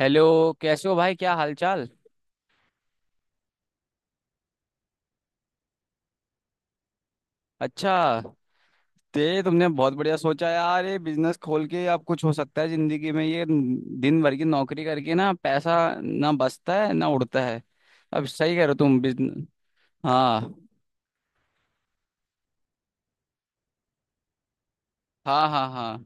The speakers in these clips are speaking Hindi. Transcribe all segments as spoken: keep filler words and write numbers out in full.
हेलो। कैसे हो भाई, क्या हालचाल। अच्छा, ते तुमने बहुत बढ़िया सोचा यार। ये बिजनेस खोल के आप कुछ हो सकता है जिंदगी में। ये दिन भर की नौकरी करके ना पैसा ना बचता है, ना उड़ता है। अब सही कह रहे हो तुम, बिजनेस। हाँ हाँ हाँ हाँ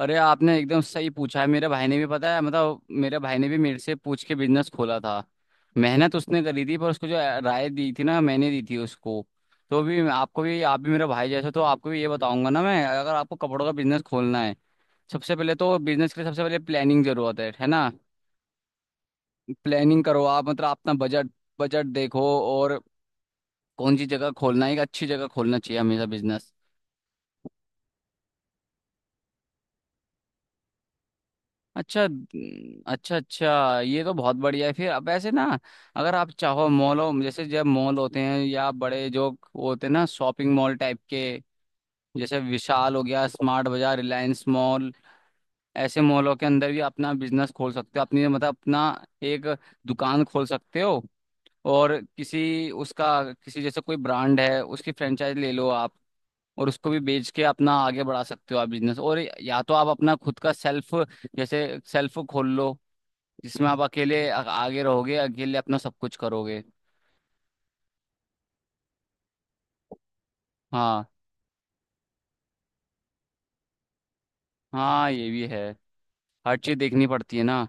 अरे आपने एकदम सही पूछा है। मेरे भाई ने भी, पता है मतलब, मेरे भाई ने भी मेरे से पूछ के बिजनेस खोला था। मेहनत उसने करी थी, पर उसको जो राय दी थी ना, मैंने दी थी उसको। तो भी आपको भी, आप भी मेरा भाई जैसे हो, तो आपको भी ये बताऊंगा ना मैं। अगर आपको कपड़ों का बिजनेस खोलना है, सबसे पहले तो बिजनेस के लिए सबसे पहले प्लानिंग जरूरत है है ना। प्लानिंग करो आप, मतलब अपना बजट, बजट देखो। और कौन सी जगह खोलना है, एक अच्छी जगह खोलना चाहिए हमेशा बिजनेस। अच्छा न- अच्छा, अच्छा ये तो बहुत बढ़िया है। फिर अब ऐसे ना, अगर आप चाहो मॉलों जैसे, जब मॉल होते हैं या बड़े जो वो होते हैं ना, शॉपिंग मॉल टाइप के, जैसे विशाल हो गया, स्मार्ट बाजार, रिलायंस मॉल, ऐसे मॉलों के अंदर भी अपना बिजनेस खोल सकते हो। अपनी मतलब अपना एक दुकान खोल सकते हो। और किसी उसका, किसी जैसे कोई ब्रांड है, उसकी फ्रेंचाइज ले लो आप, और उसको भी बेच के अपना आगे बढ़ा सकते हो आप बिजनेस। और या तो आप अपना खुद का सेल्फ, जैसे सेल्फ खोल लो, जिसमें आप अकेले आ- आगे रहोगे, अकेले अपना सब कुछ करोगे। हाँ, हाँ ये भी है, हर चीज देखनी पड़ती है ना।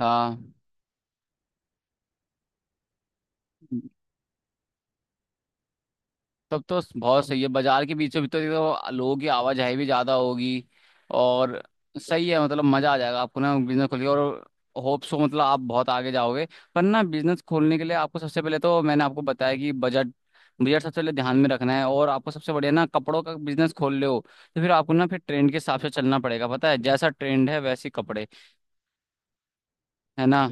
हाँ, तब तो बहुत सही है। बाजार के बीचों बीच तो देखो लोगों की आवाजाही भी ज्यादा होगी। और सही है, मतलब मजा आ जाएगा आपको ना बिजनेस खोल के। और होप सो, मतलब आप बहुत आगे जाओगे। पर ना बिजनेस खोलने के लिए आपको सबसे पहले तो मैंने आपको बताया कि बजट बजट सबसे पहले ध्यान में रखना है। और आपको सबसे बढ़िया ना कपड़ों का बिजनेस खोल रहे हो, तो फिर आपको ना फिर ट्रेंड के हिसाब से चलना पड़ेगा। पता है, जैसा ट्रेंड है वैसे ही कपड़े, है ना।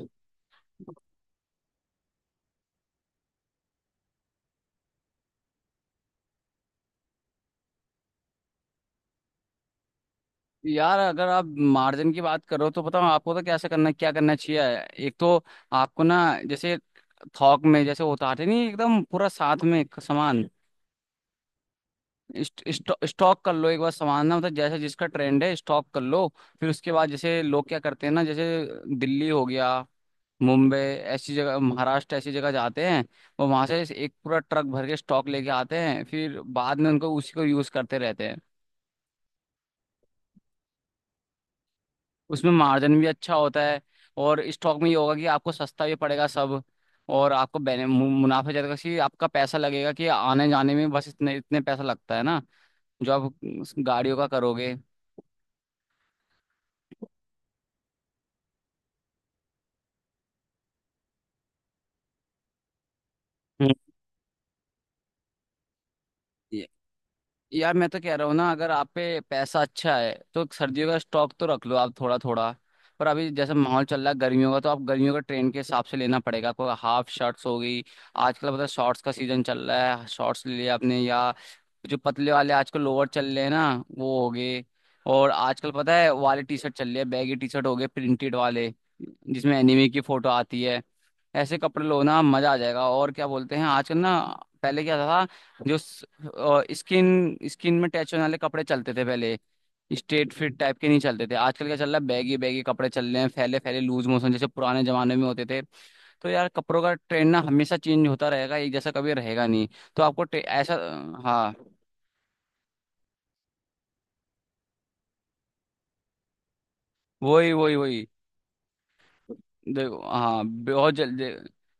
यार अगर आप मार्जिन की बात करो, तो बताओ आपको तो कैसे करना, क्या करना चाहिए। एक तो आपको ना, जैसे थोक में जैसे उतारते नहीं एकदम पूरा साथ में एक सामान, इस्ट- इस्ट- स्टॉक कर लो एक बार सामान ना, मतलब जैसे जिसका ट्रेंड है स्टॉक कर लो। फिर उसके बाद जैसे लोग क्या करते हैं ना, जैसे दिल्ली हो गया, मुंबई ऐसी जगह, महाराष्ट्र ऐसी जगह जाते हैं, और वहां से एक पूरा ट्रक भर के स्टॉक लेके आते हैं, फिर बाद में उनको, उसी को यूज करते रहते हैं। उसमें मार्जिन भी अच्छा होता है। और स्टॉक में ये होगा कि आपको सस्ता भी पड़ेगा सब। और आपको बेने- मु- मुनाफा ज्यादा, कि आपका पैसा लगेगा, कि आने जाने में बस इतने इतने पैसा लगता है ना, जो आप उस गाड़ियों का करोगे। हम्म। ये- यार मैं तो कह रहा हूँ ना, अगर आप पे पैसा अच्छा है तो सर्दियों का स्टॉक तो रख लो आप थोड़ा थोड़ा। पर अभी जैसे माहौल चल रहा है गर्मियों का, तो आप गर्मियों का ट्रेंड के हिसाब से लेना पड़ेगा आपको। हाफ शर्ट्स हो गई, आजकल पता है शॉर्ट्स का सीजन चल रहा है, शॉर्ट्स ले लिया आपने, या जो पतले वाले आजकल लोअर चल रहे हैं ना, वो हो गए। और आजकल पता है वाले टी शर्ट चल रहे हैं, बैगी टी शर्ट हो गए, प्रिंटेड वाले, जिसमें एनिमे की फोटो आती है, ऐसे कपड़े लो ना, मजा आ जाएगा। और क्या बोलते हैं आजकल ना, पहले क्या था, जो स्किन स्किन में टैच होने वाले कपड़े चलते थे पहले, स्ट्रेट फिट टाइप के, नहीं चलते थे। आजकल क्या चल रहा है, बैगी बैगी कपड़े चल रहे हैं, फैले फैले, लूज मोशन जैसे पुराने जमाने में होते थे। तो यार कपड़ों का ट्रेंड ना हमेशा चेंज होता रहेगा, एक जैसा कभी रहेगा नहीं। तो आपको टे- ऐसा, हाँ। वही वही वही देखो हाँ, बहुत जल्दी।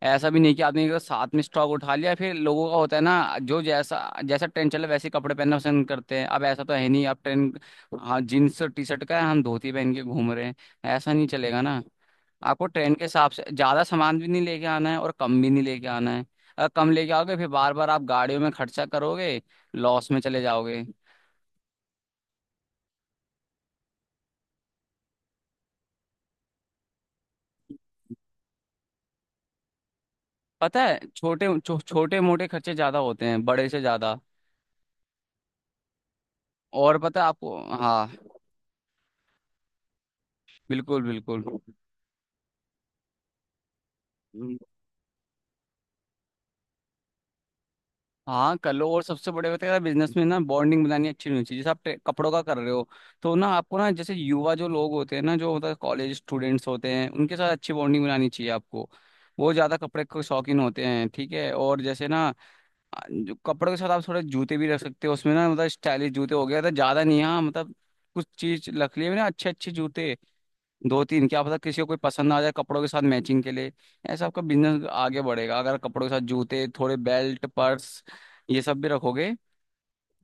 ऐसा भी नहीं कि आदमी का साथ में स्टॉक उठा लिया, फिर लोगों का होता है ना, जो जैसा, जैसा ट्रेंड चला वैसे कपड़े पहनना पसंद करते हैं। अब ऐसा तो है नहीं, अब ट्रेंड हाँ जीन्स और टी शर्ट का है, हम धोती पहन के घूम रहे हैं, ऐसा नहीं चलेगा ना। आपको ट्रेंड के हिसाब से ज्यादा सामान भी नहीं लेके आना है, और कम भी नहीं लेके आना है। अगर कम लेके आओगे, फिर बार बार आप गाड़ियों में खर्चा करोगे, लॉस में चले जाओगे। पता है, छोटे छो, छोटे मोटे खर्चे ज्यादा होते हैं बड़े से ज्यादा। और पता है आपको, हाँ, बिल्कुल बिल्कुल। हम्म, हाँ कर लो। और सबसे बड़े बात है बिजनेस में ना, बॉन्डिंग बनानी अच्छी होनी चाहिए। जैसे आप टे- कपड़ों का कर रहे हो, तो ना आपको ना जैसे युवा जो लोग होते हैं ना, जो मतलब कॉलेज स्टूडेंट्स होते हैं, उनके साथ अच्छी बॉन्डिंग बनानी चाहिए आपको, वो ज्यादा कपड़े के शौकीन होते हैं। ठीक है। और जैसे ना, आ, जो कपड़ों के साथ आप थोड़े जूते भी रख सकते हो उसमें ना, मतलब स्टाइलिश जूते हो गया, तो ज्यादा नहीं हाँ, मतलब कुछ चीज रख लिए ना अच्छे अच्छे जूते, दो तीन, क्या पता किसी को कोई पसंद आ जाए कपड़ों के साथ मैचिंग के लिए। ऐसा आपका बिजनेस आगे बढ़ेगा, अगर कपड़ों के साथ जूते, थोड़े बेल्ट, पर्स, ये सब भी रखोगे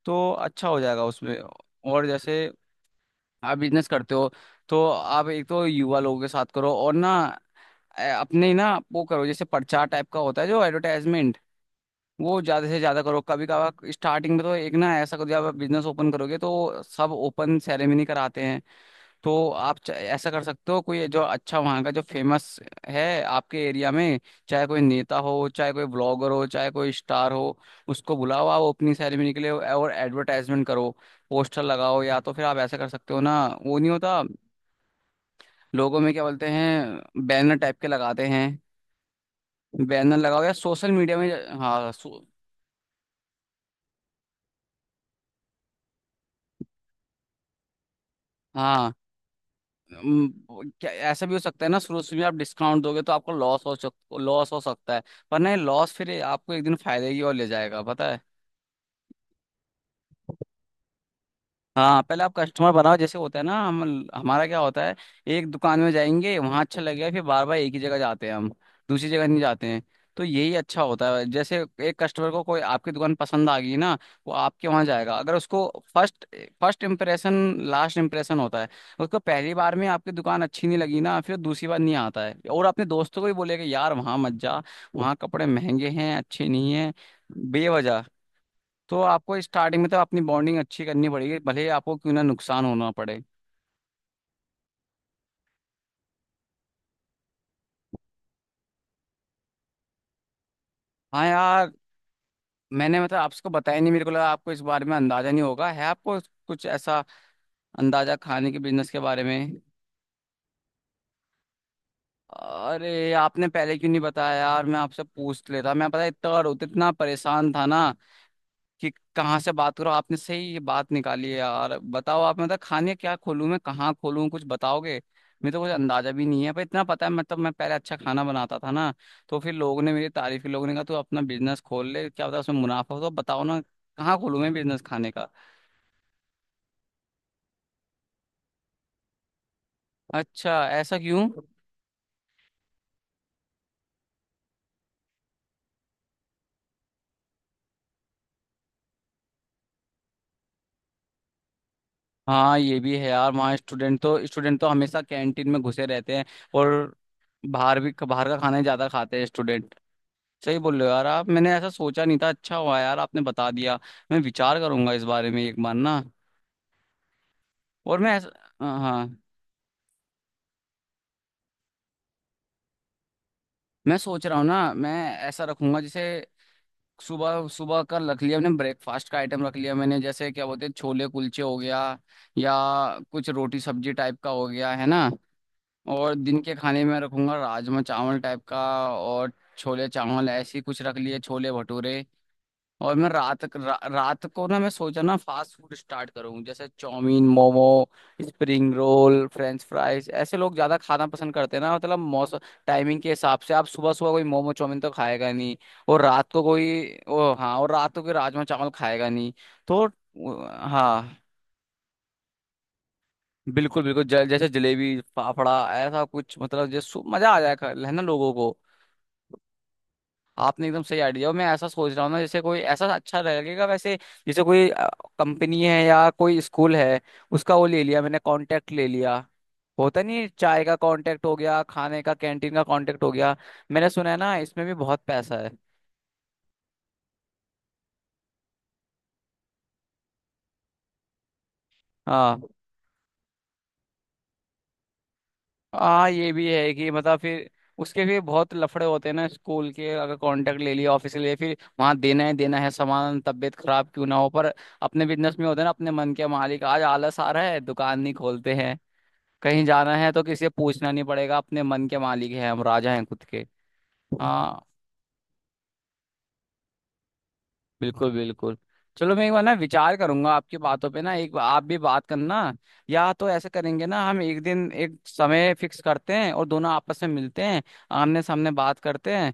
तो अच्छा हो जाएगा उसमें। और जैसे आप बिजनेस करते हो, तो आप एक तो युवा लोगों के साथ करो, और ना अ, अपने ना वो करो जैसे पर्चा टाइप का होता है, जो एडवर्टाइजमेंट, वो ज्यादा से ज्यादा करो। कभी कभार स्टार्टिंग में तो एक ना ऐसा करो, जब आप बिजनेस ओपन करोगे तो सब ओपन सेरेमनी कराते हैं, तो आप च- ऐसा कर सकते हो। कोई जो अच्छा वहाँ का जो फेमस है आपके एरिया में, चाहे कोई नेता हो, चाहे कोई ब्लॉगर हो, चाहे कोई स्टार हो, उसको बुलाओ आप ओपनिंग सेरेमनी के लिए, और एडवर्टाइजमेंट करो, पोस्टर लगाओ। या तो फिर आप ऐसा कर सकते हो ना, वो नहीं होता लोगों में क्या बोलते हैं, बैनर टाइप के लगाते हैं, बैनर लगाओ, या सोशल मीडिया में। हाँ, सो, हाँ। अम, क्या ऐसा भी हो सकता है ना, शुरू शुरू में आप डिस्काउंट दोगे तो आपको लॉस हो सक लॉस हो सकता है। पर नहीं, लॉस फिर आपको एक दिन फायदे की ओर ले जाएगा, पता है। हाँ, पहले आप कस्टमर बनाओ। जैसे होता है ना, हम हमारा क्या होता है, एक दुकान में जाएंगे, वहाँ अच्छा लगेगा, फिर बार बार एक ही जगह जाते हैं हम, दूसरी जगह नहीं जाते हैं। तो यही अच्छा होता है। जैसे एक कस्टमर को कोई आपकी दुकान पसंद आ गई ना, वो आपके वहाँ जाएगा। अगर उसको first first impression last impression होता है, उसको पहली बार में आपकी दुकान अच्छी नहीं लगी ना, फिर दूसरी बार नहीं आता है, और अपने दोस्तों को भी बोलेगा यार वहाँ मत जा, वहाँ कपड़े महंगे हैं, अच्छे नहीं हैं, बेवजह। तो आपको स्टार्टिंग में तो अपनी बॉन्डिंग अच्छी करनी पड़ेगी, भले ही आपको क्यों ना नुकसान होना पड़े। हाँ यार। मैंने मतलब आपको बताया नहीं, मेरे को लगा आपको इस बारे में अंदाजा नहीं होगा, है आपको कुछ ऐसा अंदाजा खाने के बिजनेस के बारे में। अरे आपने पहले क्यों नहीं बताया यार, मैं आपसे पूछ लेता। मैं पता है इतना रो- इतना परेशान था ना कि कहाँ से बात करो। आपने सही ये बात निकाली है यार। बताओ आप, मतलब खाने, क्या खोलूँ मैं, कहाँ खोलूँ, कुछ बताओगे। मेरे तो कुछ अंदाजा भी नहीं है, पर इतना पता है, मतलब मैं पहले अच्छा खाना बनाता था ना, तो फिर लोगों ने मेरी तारीफ की, लोगों ने कहा तू अपना बिजनेस खोल ले, क्या पता उसमें मुनाफा हो। तो बताओ ना, कहाँ खोलूँ मैं बिजनेस खाने का। अच्छा, ऐसा क्यों। हाँ, ये भी है यार, वहाँ स्टूडेंट तो, स्टूडेंट तो हमेशा कैंटीन में घुसे रहते हैं, और बाहर भी, बाहर का खाना ही ज्यादा खाते हैं स्टूडेंट। सही बोल रहे हो यार आप, मैंने ऐसा सोचा नहीं था, अच्छा हुआ यार आपने बता दिया। मैं विचार करूंगा इस बारे में एक बार ना। और मैं ऐसा, हाँ, हाँ, मैं सोच रहा हूँ ना। मैं ऐसा रखूंगा जैसे, सुबह सुबह का रख लिया मैंने, ब्रेकफास्ट का आइटम रख लिया मैंने, जैसे क्या बोलते हैं, छोले कुलचे हो गया, या कुछ रोटी सब्जी टाइप का हो गया, है ना। और दिन के खाने में रखूंगा राजमा चावल टाइप का, और छोले चावल, ऐसी कुछ रख लिए, छोले भटूरे। और मैं रात रा, रात को ना मैं सोचा ना फास्ट फूड स्टार्ट करूँ, जैसे chow mein, momo, spring roll, French fries, ऐसे लोग ज्यादा खाना पसंद करते हैं ना। मतलब मौसम, टाइमिंग के हिसाब से, आप सुबह सुबह कोई मोमो चाउमीन तो खाएगा नहीं, और रात को कोई, ओ हाँ, और रात को कोई राजमा चावल खाएगा नहीं। तो वो- हाँ, बिल्कुल बिल्कुल। ज- जैसे जलेबी फाफड़ा ऐसा कुछ, मतलब जैसे सु- मजा आ जाएगा है ना लोगों को। आपने एकदम सही आइडिया, मैं ऐसा सोच रहा हूँ ना, जैसे कोई ऐसा अच्छा लगेगा वैसे, जैसे कोई कंपनी है या कोई स्कूल है, उसका वो ले लिया मैंने, कांटेक्ट ले लिया, होता नहीं है, चाय का कांटेक्ट हो गया, खाने का कैंटीन का कांटेक्ट हो गया, मैंने सुना है ना इसमें भी बहुत पैसा है। हाँ, हाँ ये भी है कि मतलब फिर उसके भी बहुत लफड़े होते हैं ना, स्कूल के अगर कांटेक्ट ले लिया, ऑफिस ले लिया, फिर वहाँ देना है, देना है सामान, तबीयत खराब क्यों ना हो। पर अपने बिजनेस में होते हैं ना अपने मन के मालिक, आज आलस आ रहा है दुकान नहीं खोलते हैं, कहीं जाना है तो किसी से पूछना नहीं पड़ेगा, अपने मन के मालिक हैं, हम राजा हैं खुद के। हाँ, बिल्कुल बिल्कुल। चलो मैं एक बार ना विचार करूंगा आपकी बातों पे ना, एक बार आप भी बात करना। या तो ऐसे करेंगे ना हम, एक दिन एक समय फिक्स करते हैं और दोनों आपस में मिलते हैं, आमने सामने बात करते हैं,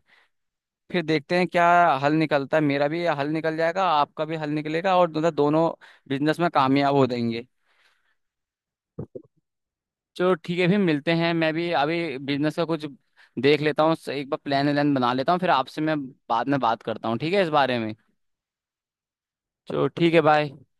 फिर देखते हैं क्या हल निकलता है। मेरा भी हल निकल जाएगा, आपका भी हल निकलेगा, और दोनों दोनों बिजनेस में कामयाब हो जाएंगे। चलो ठीक है, फिर मिलते हैं। मैं भी अभी बिजनेस का कुछ देख लेता हूँ एक बार, प्लान व्लान बना लेता हूँ, फिर आपसे मैं बाद में बात करता हूँ, ठीक है, इस बारे में। चलो ठीक है, बाय।